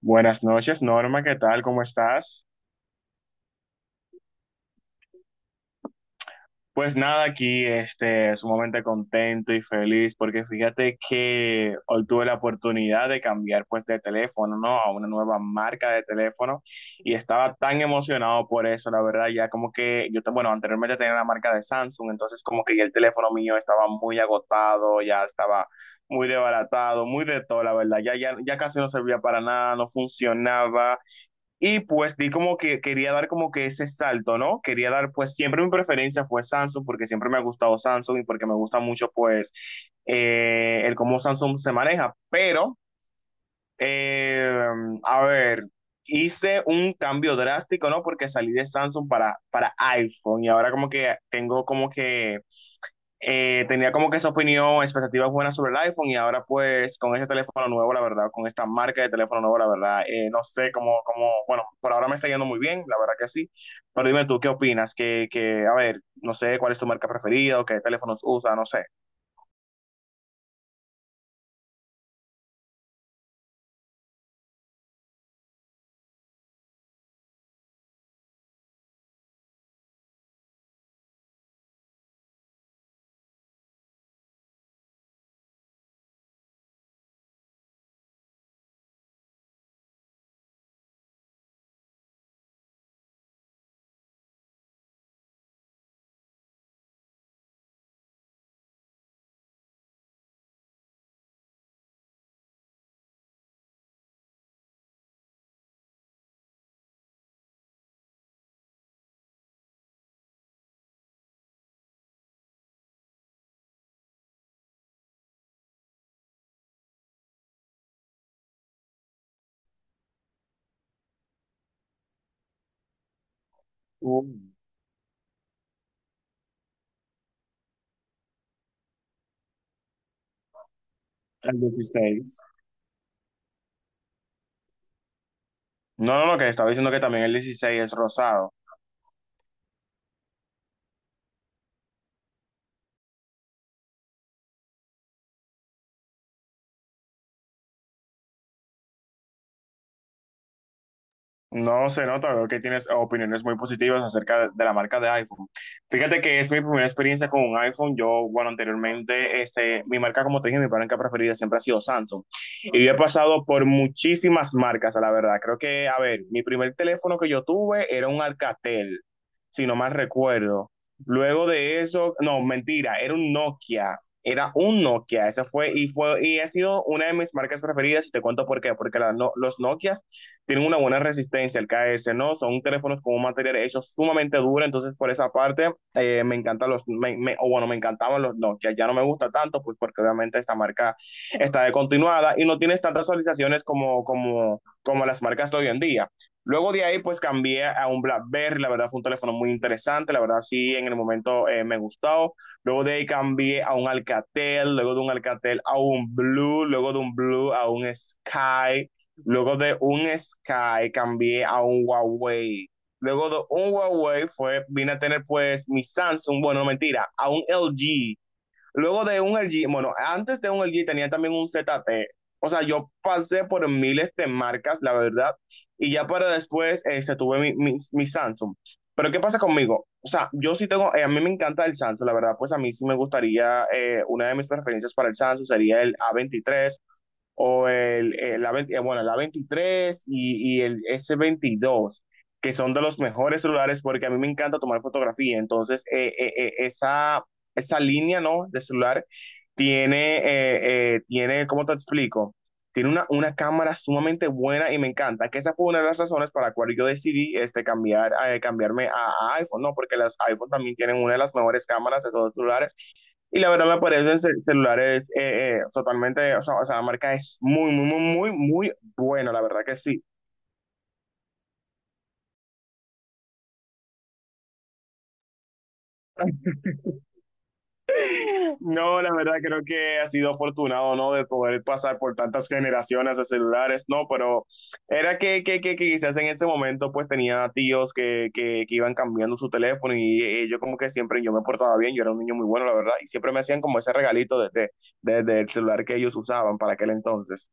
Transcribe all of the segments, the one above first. Buenas noches, Norma, ¿qué tal? ¿Cómo estás? Pues nada, aquí sumamente contento y feliz porque fíjate que hoy tuve la oportunidad de cambiar pues de teléfono, ¿no? A una nueva marca de teléfono y estaba tan emocionado por eso, la verdad, ya como que yo, bueno, anteriormente tenía la marca de Samsung, entonces como que ya el teléfono mío estaba muy agotado, ya estaba muy desbaratado, muy de todo, la verdad, ya casi no servía para nada, no funcionaba. Y pues di como que quería dar como que ese salto, ¿no? Quería dar, pues siempre mi preferencia fue Samsung porque siempre me ha gustado Samsung y porque me gusta mucho pues el cómo Samsung se maneja. Pero, eh, a ver, hice un cambio drástico, ¿no? Porque salí de Samsung para iPhone y ahora como que tengo como que tenía como que esa opinión, expectativas buenas sobre el iPhone y ahora pues con ese teléfono nuevo, la verdad, con esta marca de teléfono nuevo, la verdad, no sé cómo, bueno, por ahora me está yendo muy bien, la verdad que sí, pero dime tú, ¿qué opinas? Que, a ver, no sé cuál es tu marca preferida o qué teléfonos usa, no sé. Uh, el 16. No, no, no, que estaba diciendo que también el 16 es rosado. No se nota, veo que tienes opiniones muy positivas acerca de la marca de iPhone. Fíjate que es mi primera experiencia con un iPhone. Yo, bueno, anteriormente, mi marca, como te dije, mi marca preferida siempre ha sido Samsung. Y yo he pasado por muchísimas marcas, a la verdad. Creo que, a ver, mi primer teléfono que yo tuve era un Alcatel, si no mal recuerdo. Luego de eso, no, mentira, era un Nokia. Era un Nokia, esa fue y fue y ha sido una de mis marcas preferidas y te cuento por qué, porque la no- los Nokias tienen una buena resistencia al caerse, ¿no? Son teléfonos con un material hecho sumamente duro, entonces por esa parte me encantan los, o bueno, me encantaban los Nokia, ya no me gusta tanto, pues porque obviamente esta marca está descontinuada y no tienes tantas actualizaciones como las marcas de hoy en día. Luego de ahí, pues cambié a un BlackBerry, la verdad fue un teléfono muy interesante, la verdad sí, en el momento me gustó. Luego de ahí cambié a un Alcatel, luego de un Alcatel a un Blue, luego de un Blue a un Sky. Luego de un Sky cambié a un Huawei. Luego de un Huawei fue, vine a tener pues mi Samsung, bueno, no, mentira, a un LG. Luego de un LG, bueno, antes de un LG tenía también un ZT. O sea, yo pasé por miles de marcas, la verdad, y ya para después se tuve mi Samsung. Pero ¿qué pasa conmigo? O sea, yo sí tengo, a mí me encanta el Samsung, la verdad, pues a mí sí me gustaría, una de mis preferencias para el Samsung sería el a 23 o el, la, 20 bueno, la 23 y el s 22, que son de los mejores celulares porque a mí me encanta tomar fotografía. Entonces, esa línea, ¿no? De celular tiene, tiene, ¿cómo te explico? Tiene una cámara sumamente buena y me encanta, que esa fue una de las razones para la cual yo decidí cambiar, cambiarme a iPhone, ¿no? Porque las iPhone también tienen una de las mejores cámaras de todos los celulares. Y la verdad, la apariencia del celular es totalmente, o sea, la marca es muy, muy, muy, muy, muy buena, la verdad que sí. No, la verdad creo que ha sido afortunado, ¿no? De poder pasar por tantas generaciones de celulares, ¿no? Pero era que quizás en ese momento pues tenía tíos que iban cambiando su teléfono y, yo como que siempre yo me portaba bien, yo era un niño muy bueno, la verdad, y siempre me hacían como ese regalito del celular que ellos usaban para aquel entonces.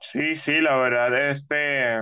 Sí, sí, la verdad,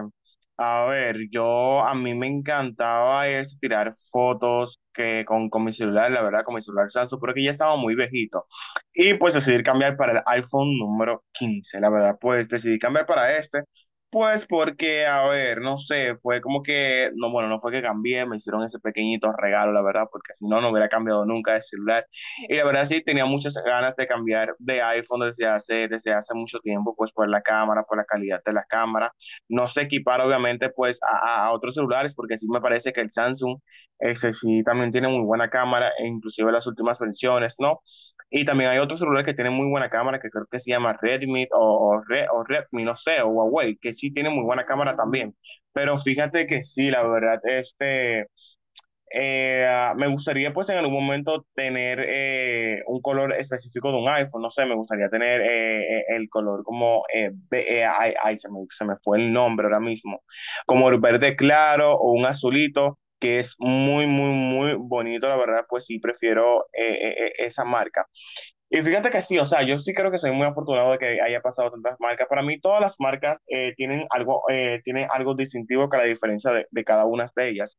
a ver, yo, a mí me encantaba es tirar fotos que con mi celular, la verdad, con mi celular Samsung, pero que ya estaba muy viejito. Y pues decidí cambiar para el iPhone número 15, la verdad, pues decidí cambiar para pues porque, a ver, no sé, fue como que, no, bueno, no fue que cambié, me hicieron ese pequeñito regalo, la verdad, porque si no, no hubiera cambiado nunca de celular. Y la verdad sí, tenía muchas ganas de cambiar de iPhone desde hace mucho tiempo, pues por la cámara, por la calidad de la cámara. No se equipara obviamente pues a otros celulares, porque sí me parece que el Samsung ese sí también tiene muy buena cámara, e inclusive las últimas versiones, ¿no? Y también hay otros celulares que tienen muy buena cámara, que creo que se llama Redmi o Redmi, no sé, o Huawei, que sí tienen muy buena cámara también. Pero fíjate que sí, la verdad, me gustaría pues en algún momento tener un color específico de un iPhone, no sé, me gustaría tener el color como, ay, ay, se me fue el nombre ahora mismo, como el verde claro o un azulito, que es muy, muy, muy bonito, la verdad, pues sí, prefiero esa marca. Y fíjate que sí, o sea, yo sí creo que soy muy afortunado de que haya pasado tantas marcas. Para mí todas las marcas tienen algo distintivo que la diferencia de cada una de ellas.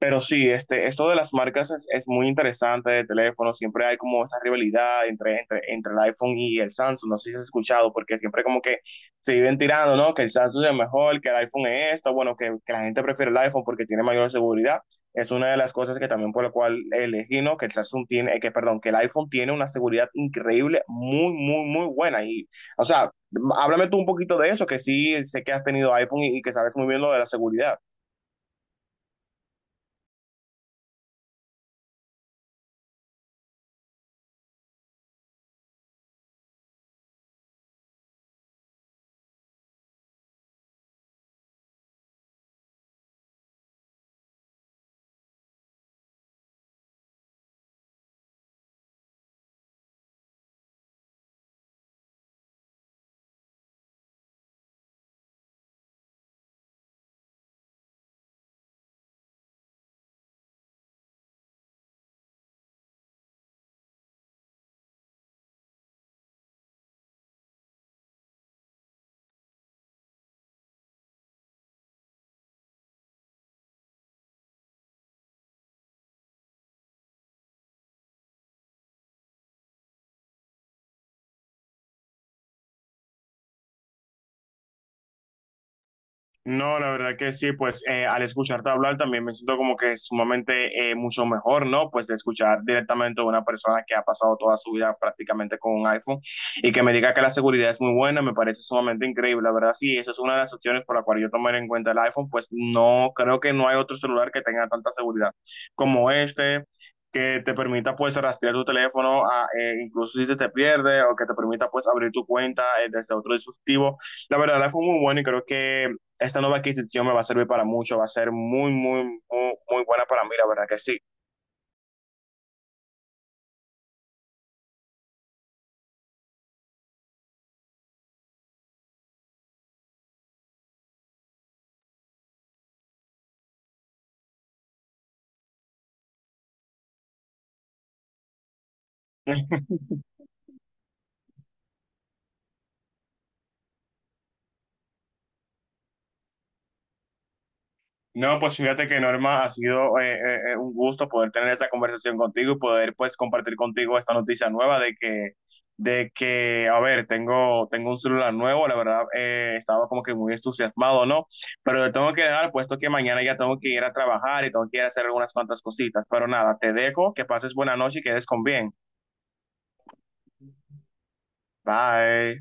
Pero sí, esto de las marcas es muy interesante de teléfono. Siempre hay como esa rivalidad entre el iPhone y el Samsung. No sé si has escuchado, porque siempre como que se viven tirando, ¿no? Que el Samsung es mejor, que el iPhone es esto. Bueno, que la gente prefiere el iPhone porque tiene mayor seguridad. Es una de las cosas que también por la cual elegí, ¿no? Que el Samsung tiene, que perdón, que el iPhone tiene una seguridad increíble, muy, muy, muy buena. Y, o sea, háblame tú un poquito de eso, que sí sé que has tenido iPhone y que sabes muy bien lo de la seguridad. No, la verdad que sí, pues al escucharte hablar también me siento como que es sumamente mucho mejor, ¿no? Pues de escuchar directamente a una persona que ha pasado toda su vida prácticamente con un iPhone y que me diga que la seguridad es muy buena, me parece sumamente increíble, la verdad sí, esa es una de las opciones por la cual yo tomaré en cuenta el iPhone, pues no, creo que no hay otro celular que tenga tanta seguridad como este, que te permita pues rastrear tu teléfono, incluso si se te pierde, o que te permita pues abrir tu cuenta desde otro dispositivo. La verdad, fue muy bueno y creo que esta nueva adquisición me va a servir para mucho, va a ser muy, muy, muy, muy buena para mí, la verdad que sí. No, pues fíjate que Norma, ha sido un gusto poder tener esta conversación contigo y poder pues compartir contigo esta noticia nueva de que, a ver, tengo un celular nuevo, la verdad estaba como que muy entusiasmado, ¿no? Pero le tengo que dejar, puesto que mañana ya tengo que ir a trabajar y tengo que ir a hacer algunas cuantas cositas, pero nada, te dejo, que pases buena noche y quedes con bien. Bye.